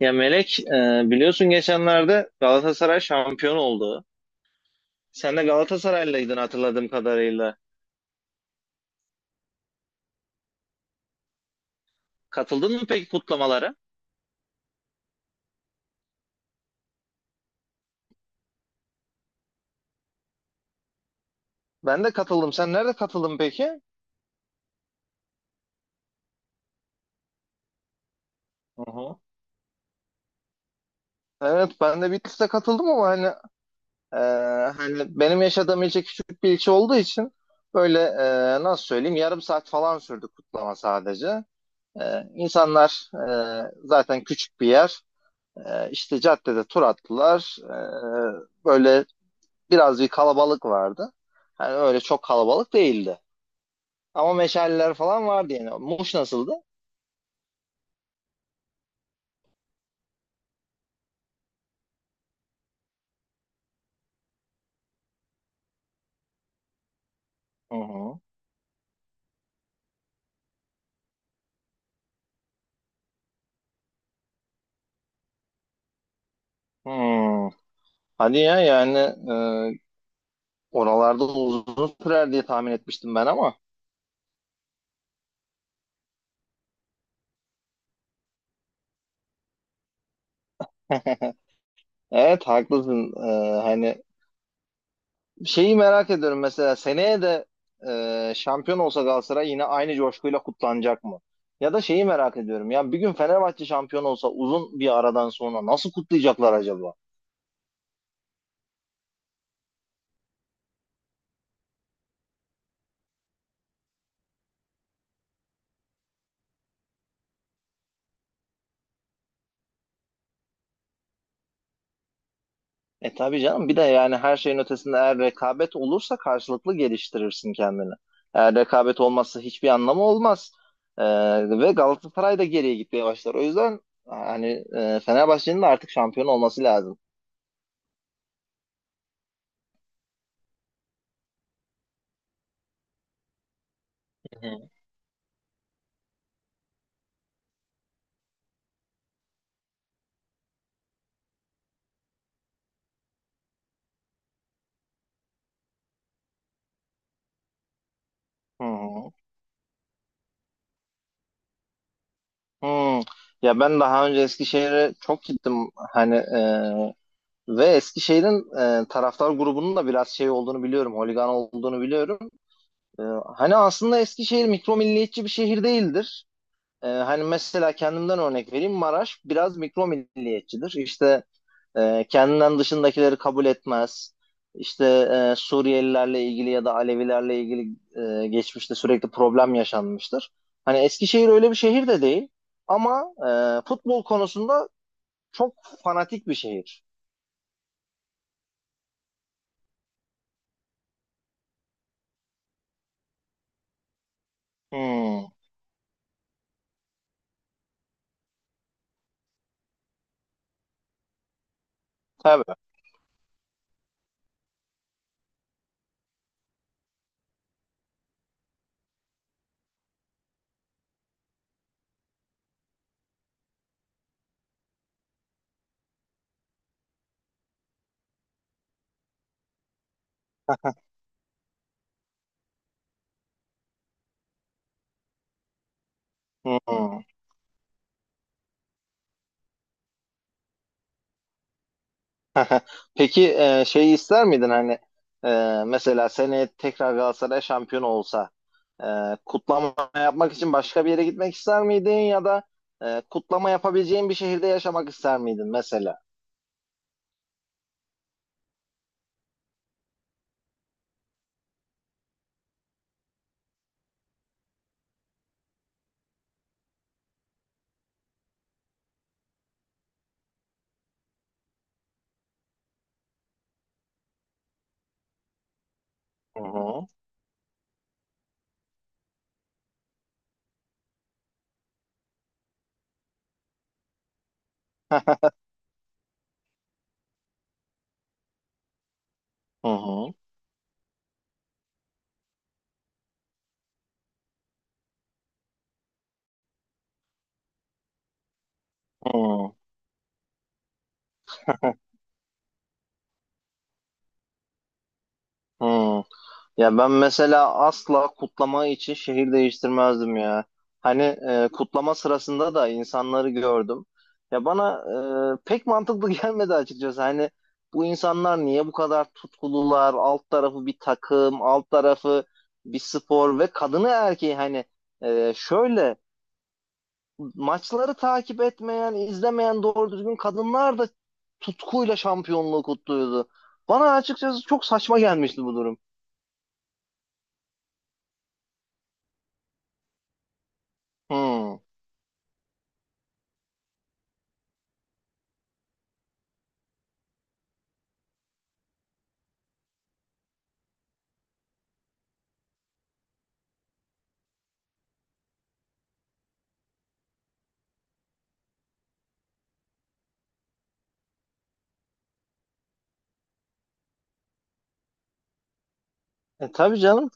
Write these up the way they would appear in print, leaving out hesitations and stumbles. Ya Melek, biliyorsun geçenlerde Galatasaray şampiyon oldu. Sen de Galatasaraylıydın hatırladığım kadarıyla. Katıldın mı peki kutlamalara? Ben de katıldım. Sen nerede katıldın peki? Hı hı. Evet, ben de Bitlis'te katıldım ama hani e, hani benim yaşadığım ilçe küçük bir ilçe olduğu için böyle nasıl söyleyeyim yarım saat falan sürdü kutlama sadece. E, insanlar zaten küçük bir yer. E, işte caddede tur attılar. Böyle biraz bir kalabalık vardı. Hani öyle çok kalabalık değildi. Ama meşaleler falan vardı yani. Muş nasıldı? Hı hı. Hmm. Hadi ya yani e, oralarda uzun sürer diye tahmin etmiştim ben ama. Evet, haklısın. Hani şeyi merak ediyorum, mesela seneye de şampiyon olsa Galatasaray yine aynı coşkuyla kutlanacak mı? Ya da şeyi merak ediyorum. Ya bir gün Fenerbahçe şampiyon olsa uzun bir aradan sonra nasıl kutlayacaklar acaba? Tabii canım, bir de yani her şeyin ötesinde eğer rekabet olursa karşılıklı geliştirirsin kendini. Eğer rekabet olmazsa hiçbir anlamı olmaz. E, ve Galatasaray da geriye gitmeye başlar. O yüzden hani Fenerbahçe'nin de artık şampiyon olması lazım. Hı. Hı hı. Hı. Hı. Ya ben daha önce Eskişehir'e çok gittim, hani ve Eskişehir'in taraftar grubunun da biraz şey olduğunu biliyorum, holigan olduğunu biliyorum. E, hani aslında Eskişehir mikro milliyetçi bir şehir değildir. Hani mesela kendimden örnek vereyim. Maraş biraz mikro milliyetçidir. İşte kendinden dışındakileri kabul etmez. İşte Suriyelilerle ilgili ya da Alevilerle ilgili geçmişte sürekli problem yaşanmıştır. Hani Eskişehir öyle bir şehir de değil. Ama futbol konusunda çok fanatik bir şehir. Hmm, tabii. Hmm. Peki, şeyi ister miydin, hani mesela seneye tekrar Galatasaray şampiyon olsa e, kutlama yapmak için başka bir yere gitmek ister miydin ya da kutlama yapabileceğin bir şehirde yaşamak ister miydin mesela? Hı hı. Hı hı. Hı hı. Hı. Ya ben mesela asla kutlama için şehir değiştirmezdim ya. Hani kutlama sırasında da insanları gördüm. Ya bana pek mantıklı gelmedi açıkçası. Hani bu insanlar niye bu kadar tutkulular? Alt tarafı bir takım, alt tarafı bir spor, ve kadını erkeği hani şöyle maçları takip etmeyen, izlemeyen doğru düzgün kadınlar da tutkuyla şampiyonluğu kutluyordu. Bana açıkçası çok saçma gelmişti bu durum. Hmm. Tabii canım.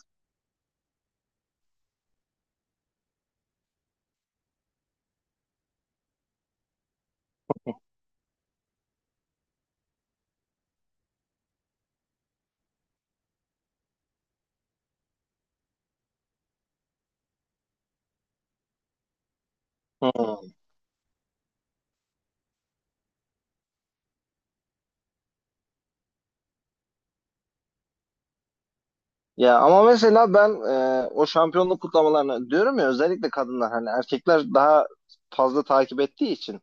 Hmm. Ya ama mesela ben o şampiyonluk kutlamalarına diyorum ya, özellikle kadınlar hani erkekler daha fazla takip ettiği için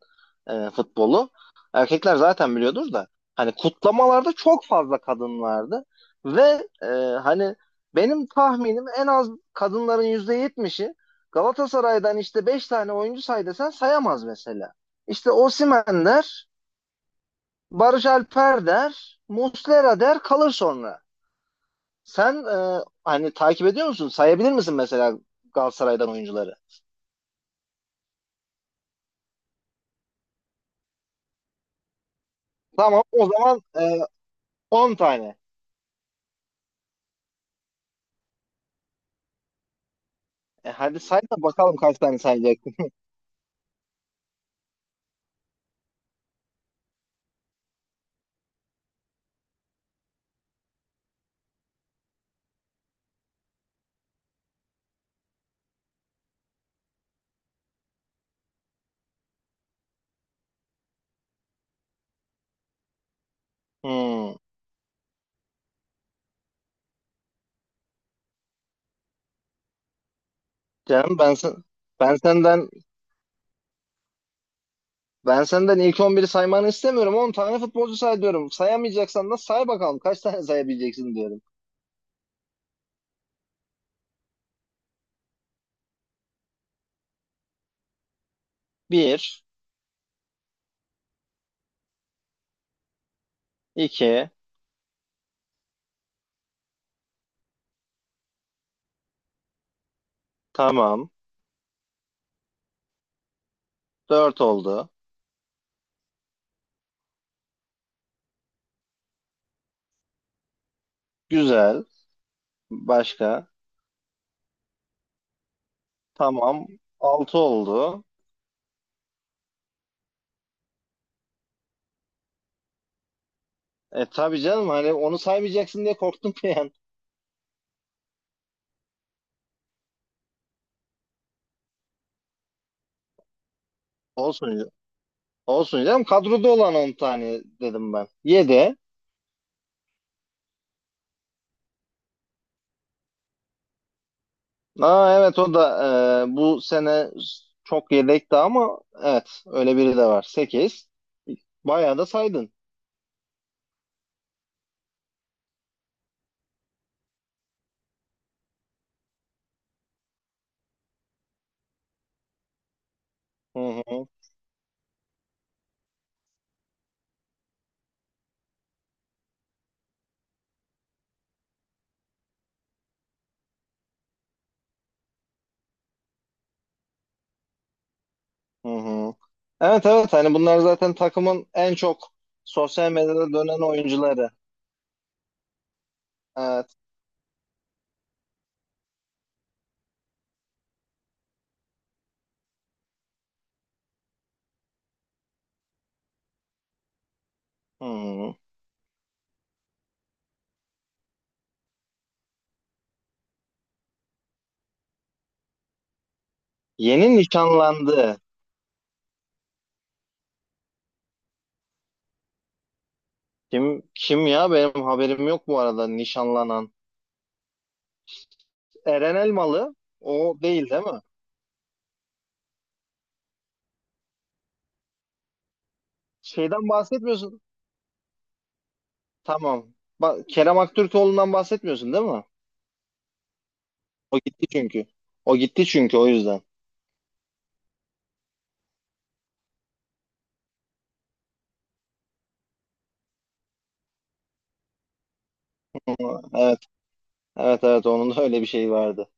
futbolu erkekler zaten biliyordur da, hani kutlamalarda çok fazla kadın vardı ve hani benim tahminim en az kadınların %70'i Galatasaray'dan işte 5 tane oyuncu say desen sayamaz mesela. İşte Osimhen der, Barış Alper der, Muslera der kalır sonra. Sen hani takip ediyor musun? Sayabilir misin mesela Galatasaray'dan oyuncuları? Tamam, o zaman 10 tane. Hadi say da bakalım kaç tane sayacaksın. Hmm. Canım, ben senden ben senden ilk 11'i saymanı istemiyorum. 10 tane futbolcu say diyorum. Sayamayacaksan da say bakalım kaç tane sayabileceksin diyorum. Bir, iki, tamam, dört oldu. Güzel. Başka? Tamam, 6 oldu. Tabii canım, hani onu saymayacaksın diye korktum bir an. Olsun, olsun canım, kadroda olan 10 tane dedim ben. Yedi. Aa, evet, o da bu sene çok yedekti ama evet öyle biri de var. Sekiz. Bayağı da saydın. Hı hı, hı hı. Evet, evet, hani bunlar zaten takımın en çok sosyal medyada dönen oyuncuları. Evet. Hı hı. Yeni nişanlandı. Kim kim ya, benim haberim yok bu arada nişanlanan. Eren Elmalı, o değil, değil mi? Şeyden bahsetmiyorsun. Tamam. Bak, Kerem Aktürkoğlu'ndan bahsetmiyorsun değil mi? O gitti çünkü. O gitti çünkü, o yüzden. Evet, evet, evet. Onun da öyle bir şeyi vardı.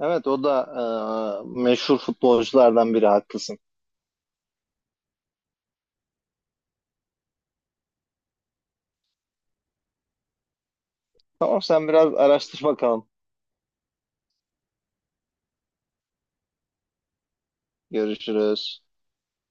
Evet, o da meşhur futbolculardan biri. Haklısın. Tamam, sen biraz araştır bakalım. Görüşürüz.